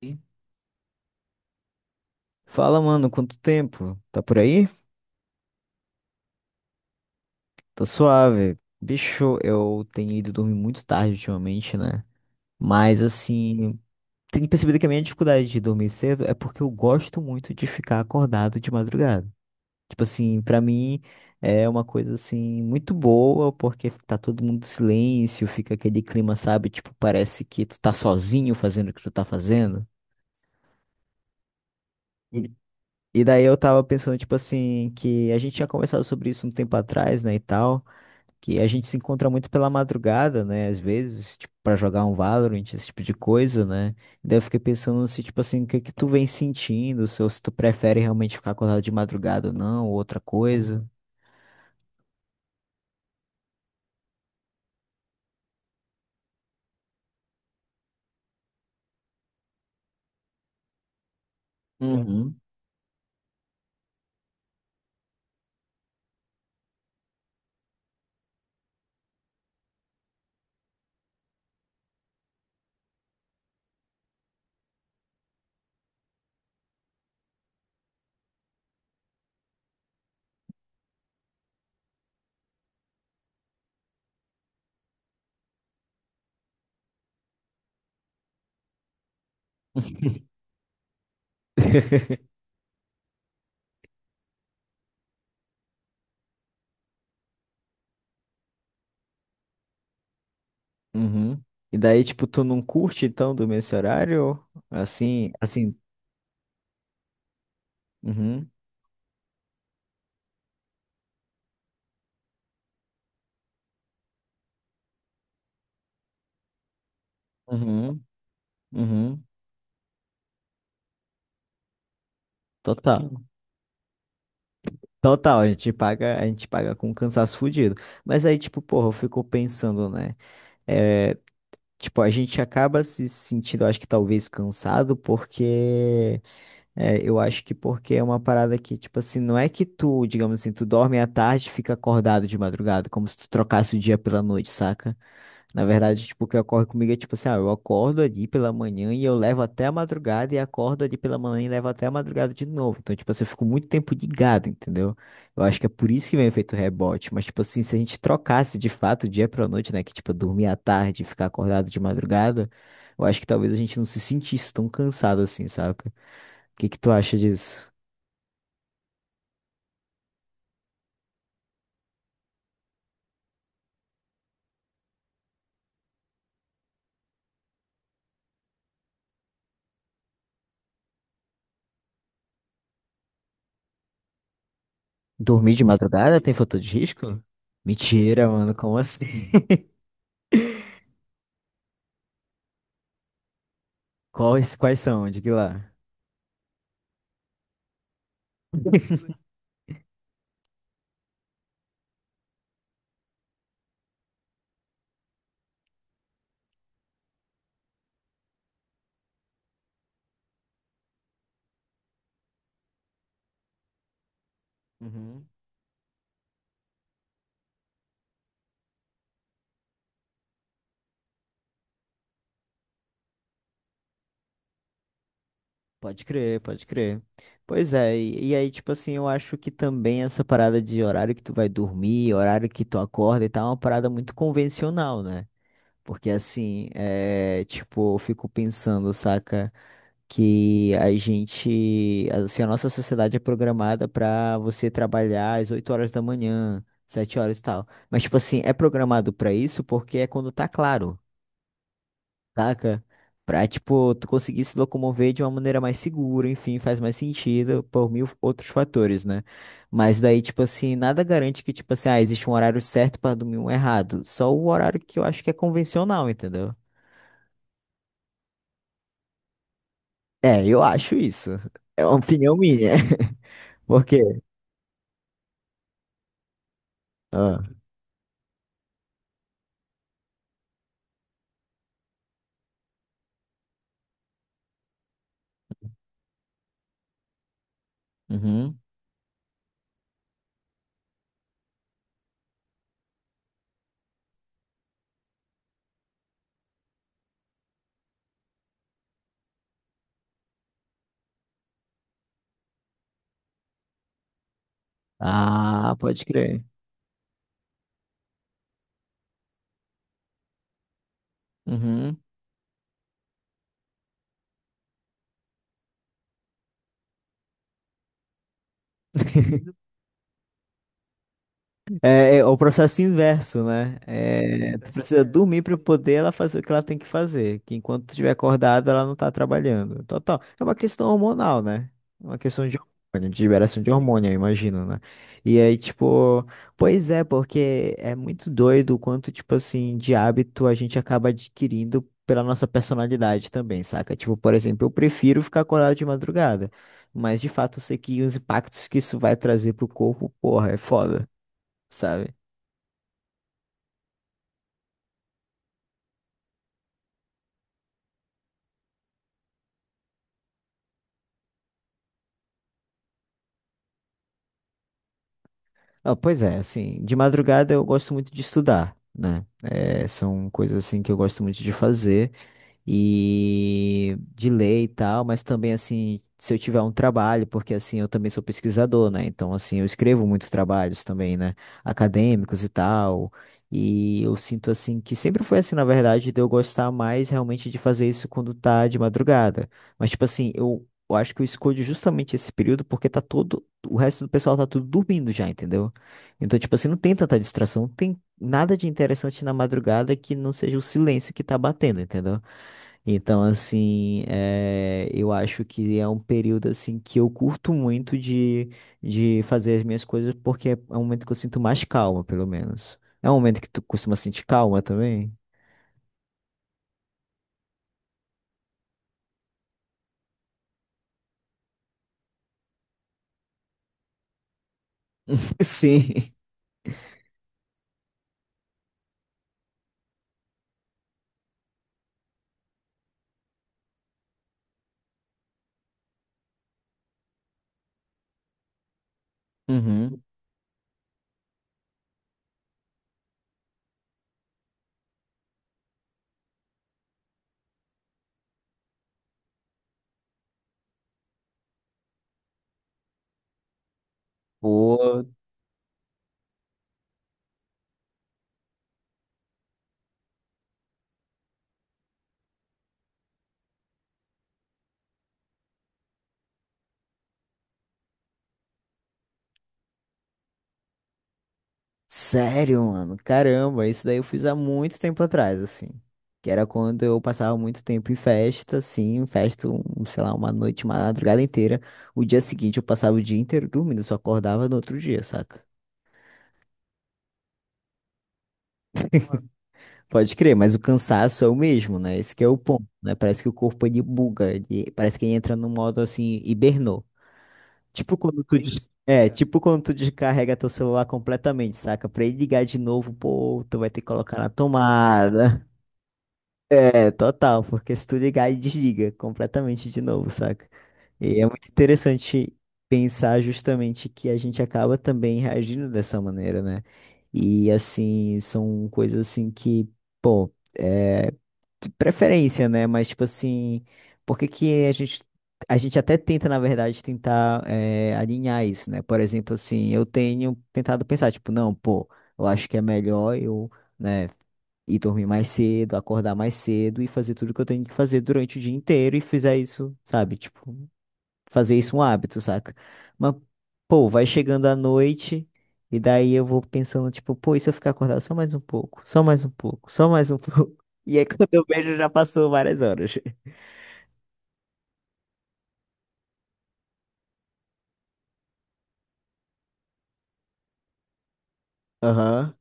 Sim. Fala, mano, quanto tempo? Tá por aí? Tá suave. Bicho, eu tenho ido dormir muito tarde ultimamente, né? Mas assim, tenho percebido que a minha dificuldade de dormir cedo é porque eu gosto muito de ficar acordado de madrugada. Tipo assim, pra mim é uma coisa assim muito boa, porque tá todo mundo em silêncio, fica aquele clima, sabe? Tipo, parece que tu tá sozinho fazendo o que tu tá fazendo. E, e daí eu tava pensando, tipo assim, que a gente tinha conversado sobre isso um tempo atrás, né, e tal. Que a gente se encontra muito pela madrugada, né? Às vezes, tipo, pra jogar um Valorant, esse tipo de coisa, né? Daí eu fiquei pensando se, tipo assim, o que que tu vem sentindo, se, ou se tu prefere realmente ficar acordado de madrugada ou não, ou outra coisa. Uhum. Uhum. E daí, tipo, tu não curte, então, dormir esse horário? Assim, assim. Uhum, uhum, uhum. Total. Total, a gente paga com cansaço fudido. Mas aí, tipo, porra, eu fico pensando, né? eh, Tipo, a gente acaba se sentindo, acho que talvez cansado, porque é, eu acho que porque é uma parada que, tipo assim, não é que tu, digamos assim, tu dorme à tarde e fica acordado de madrugada, como se tu trocasse o dia pela noite, saca? Na verdade, tipo, o que ocorre comigo é tipo assim, ah, eu acordo ali pela manhã e eu levo até a madrugada e acordo ali pela manhã e levo até a madrugada de novo. Então, tipo assim, eu fico muito tempo ligado, entendeu? Eu acho que é por isso que vem o efeito rebote. Mas, tipo assim, se a gente trocasse de fato o dia pra noite, né? Que, tipo, dormir à tarde e ficar acordado de madrugada, eu acho que talvez a gente não se sentisse tão cansado assim, saca? O que que tu acha disso? Dormir de madrugada tem fator de risco? Mentira, mano, como assim? Quais são? Diga lá. Uhum. Pode crer, pode crer. Pois é, e aí, tipo assim, eu acho que também essa parada de horário que tu vai dormir, horário que tu acorda e tal, é uma parada muito convencional, né? Porque assim, é, tipo, eu fico pensando, saca, que a gente, assim, a nossa sociedade é programada pra você trabalhar às 8 horas da manhã, 7 horas e tal. Mas, tipo assim, é programado pra isso porque é quando tá claro, saca? Pra, tipo, tu conseguir se locomover de uma maneira mais segura, enfim, faz mais sentido por mil outros fatores, né? Mas daí, tipo assim, nada garante que, tipo assim, ah, existe um horário certo pra dormir e um errado. Só o horário que eu acho que é convencional, entendeu? É, eu acho isso. É uma opinião minha. Por quê? Ah, uhum. Ah, pode crer. Uhum. É o processo inverso, né? É, tu precisa dormir para poder ela fazer o que ela tem que fazer, que enquanto tu estiver acordada, ela não tá trabalhando. Total. É uma questão hormonal, né? É uma questão de hormônio, de liberação de hormônio, eu imagino, né? E aí, tipo, pois é, porque é muito doido o quanto, tipo assim, de hábito a gente acaba adquirindo pela nossa personalidade também, saca? Tipo, por exemplo, eu prefiro ficar acordado de madrugada, mas de fato eu sei que os impactos que isso vai trazer pro corpo, porra, é foda. Sabe? Ah, pois é, assim, de madrugada eu gosto muito de estudar, né? É, são coisas assim que eu gosto muito de fazer e de ler e tal, mas também assim, se eu tiver um trabalho, porque assim, eu também sou pesquisador, né? Então, assim, eu escrevo muitos trabalhos também, né? Acadêmicos e tal. E eu sinto assim que sempre foi assim, na verdade, de eu gostar mais realmente de fazer isso quando tá de madrugada. Mas tipo assim, eu acho que eu escolho justamente esse período porque tá todo, o resto do pessoal tá tudo dormindo já, entendeu? Então, tipo assim, não tem tanta distração, não tem nada de interessante na madrugada que não seja o silêncio que tá batendo, entendeu? Então, assim, é, eu acho que é um período, assim, que eu curto muito de fazer as minhas coisas, porque é um momento que eu sinto mais calma, pelo menos. É um momento que tu costuma sentir calma também? Sim. Uhum. Pô, sério, mano. Caramba, isso daí eu fiz há muito tempo atrás, assim. Que era quando eu passava muito tempo em festa, assim, festa, um, sei lá, uma noite, uma madrugada inteira. O dia seguinte eu passava o dia inteiro dormindo, só acordava no outro dia, saca? Pode crer, mas o cansaço é o mesmo, né? Esse que é o ponto, né? Parece que o corpo ele buga, parece que ele entra no modo assim, hibernou. Tipo quando tu des- é, tipo quando tu descarrega teu celular completamente, saca? Pra ele ligar de novo, pô, tu vai ter que colocar na tomada. É, total, porque se tu ligar e desliga completamente de novo, saca? E é muito interessante pensar justamente que a gente acaba também reagindo dessa maneira, né? E assim, são coisas assim que, pô, é de preferência, né? Mas tipo assim, por que que a gente até tenta, na verdade, tentar alinhar isso, né? Por exemplo, assim, eu tenho tentado pensar, tipo, não, pô, eu acho que é melhor eu, né? E dormir mais cedo, acordar mais cedo e fazer tudo que eu tenho que fazer durante o dia inteiro e fizer isso, sabe? Tipo, fazer isso um hábito, saca? Mas, pô, vai chegando a noite e daí eu vou pensando, tipo, pô, e se eu ficar acordado só mais um pouco, só mais um pouco, só mais um pouco? E aí quando eu vejo já passou várias horas. Aham.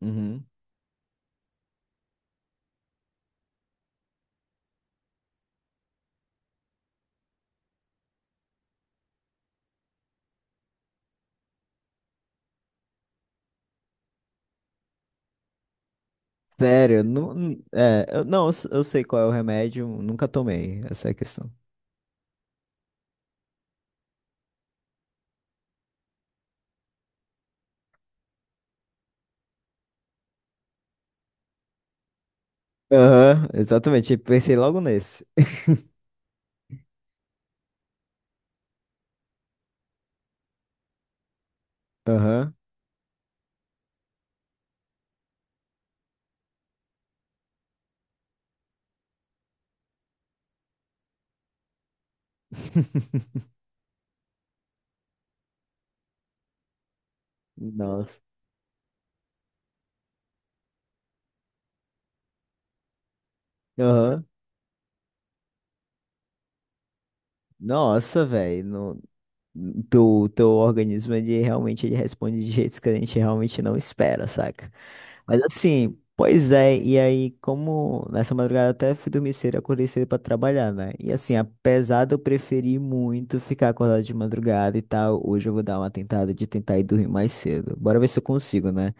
Uhum. Sério, não, é, eu, não, eu sei qual é o remédio, nunca tomei, essa é a questão. Aham, exatamente, pensei logo nesse. Aham. Nossa. Aham. Nossa, velho. Teu organismo, ele realmente ele responde de jeitos que a gente realmente não espera, saca? Mas assim, pois é, e aí, como nessa madrugada até fui dormir cedo, acordei cedo pra trabalhar, né? E assim, apesar de eu preferir muito ficar acordado de madrugada e tal, hoje eu vou dar uma tentada de tentar ir dormir mais cedo. Bora ver se eu consigo, né?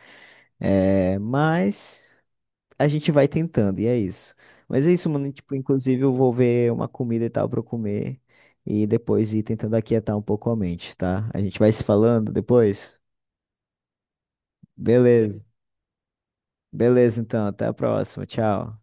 É, mas a gente vai tentando, e é isso. Mas é isso, mano. Tipo, inclusive eu vou ver uma comida e tal pra eu comer e depois ir tentando aquietar um pouco a mente, tá? A gente vai se falando depois? Beleza. Beleza, então. Até a próxima. Tchau.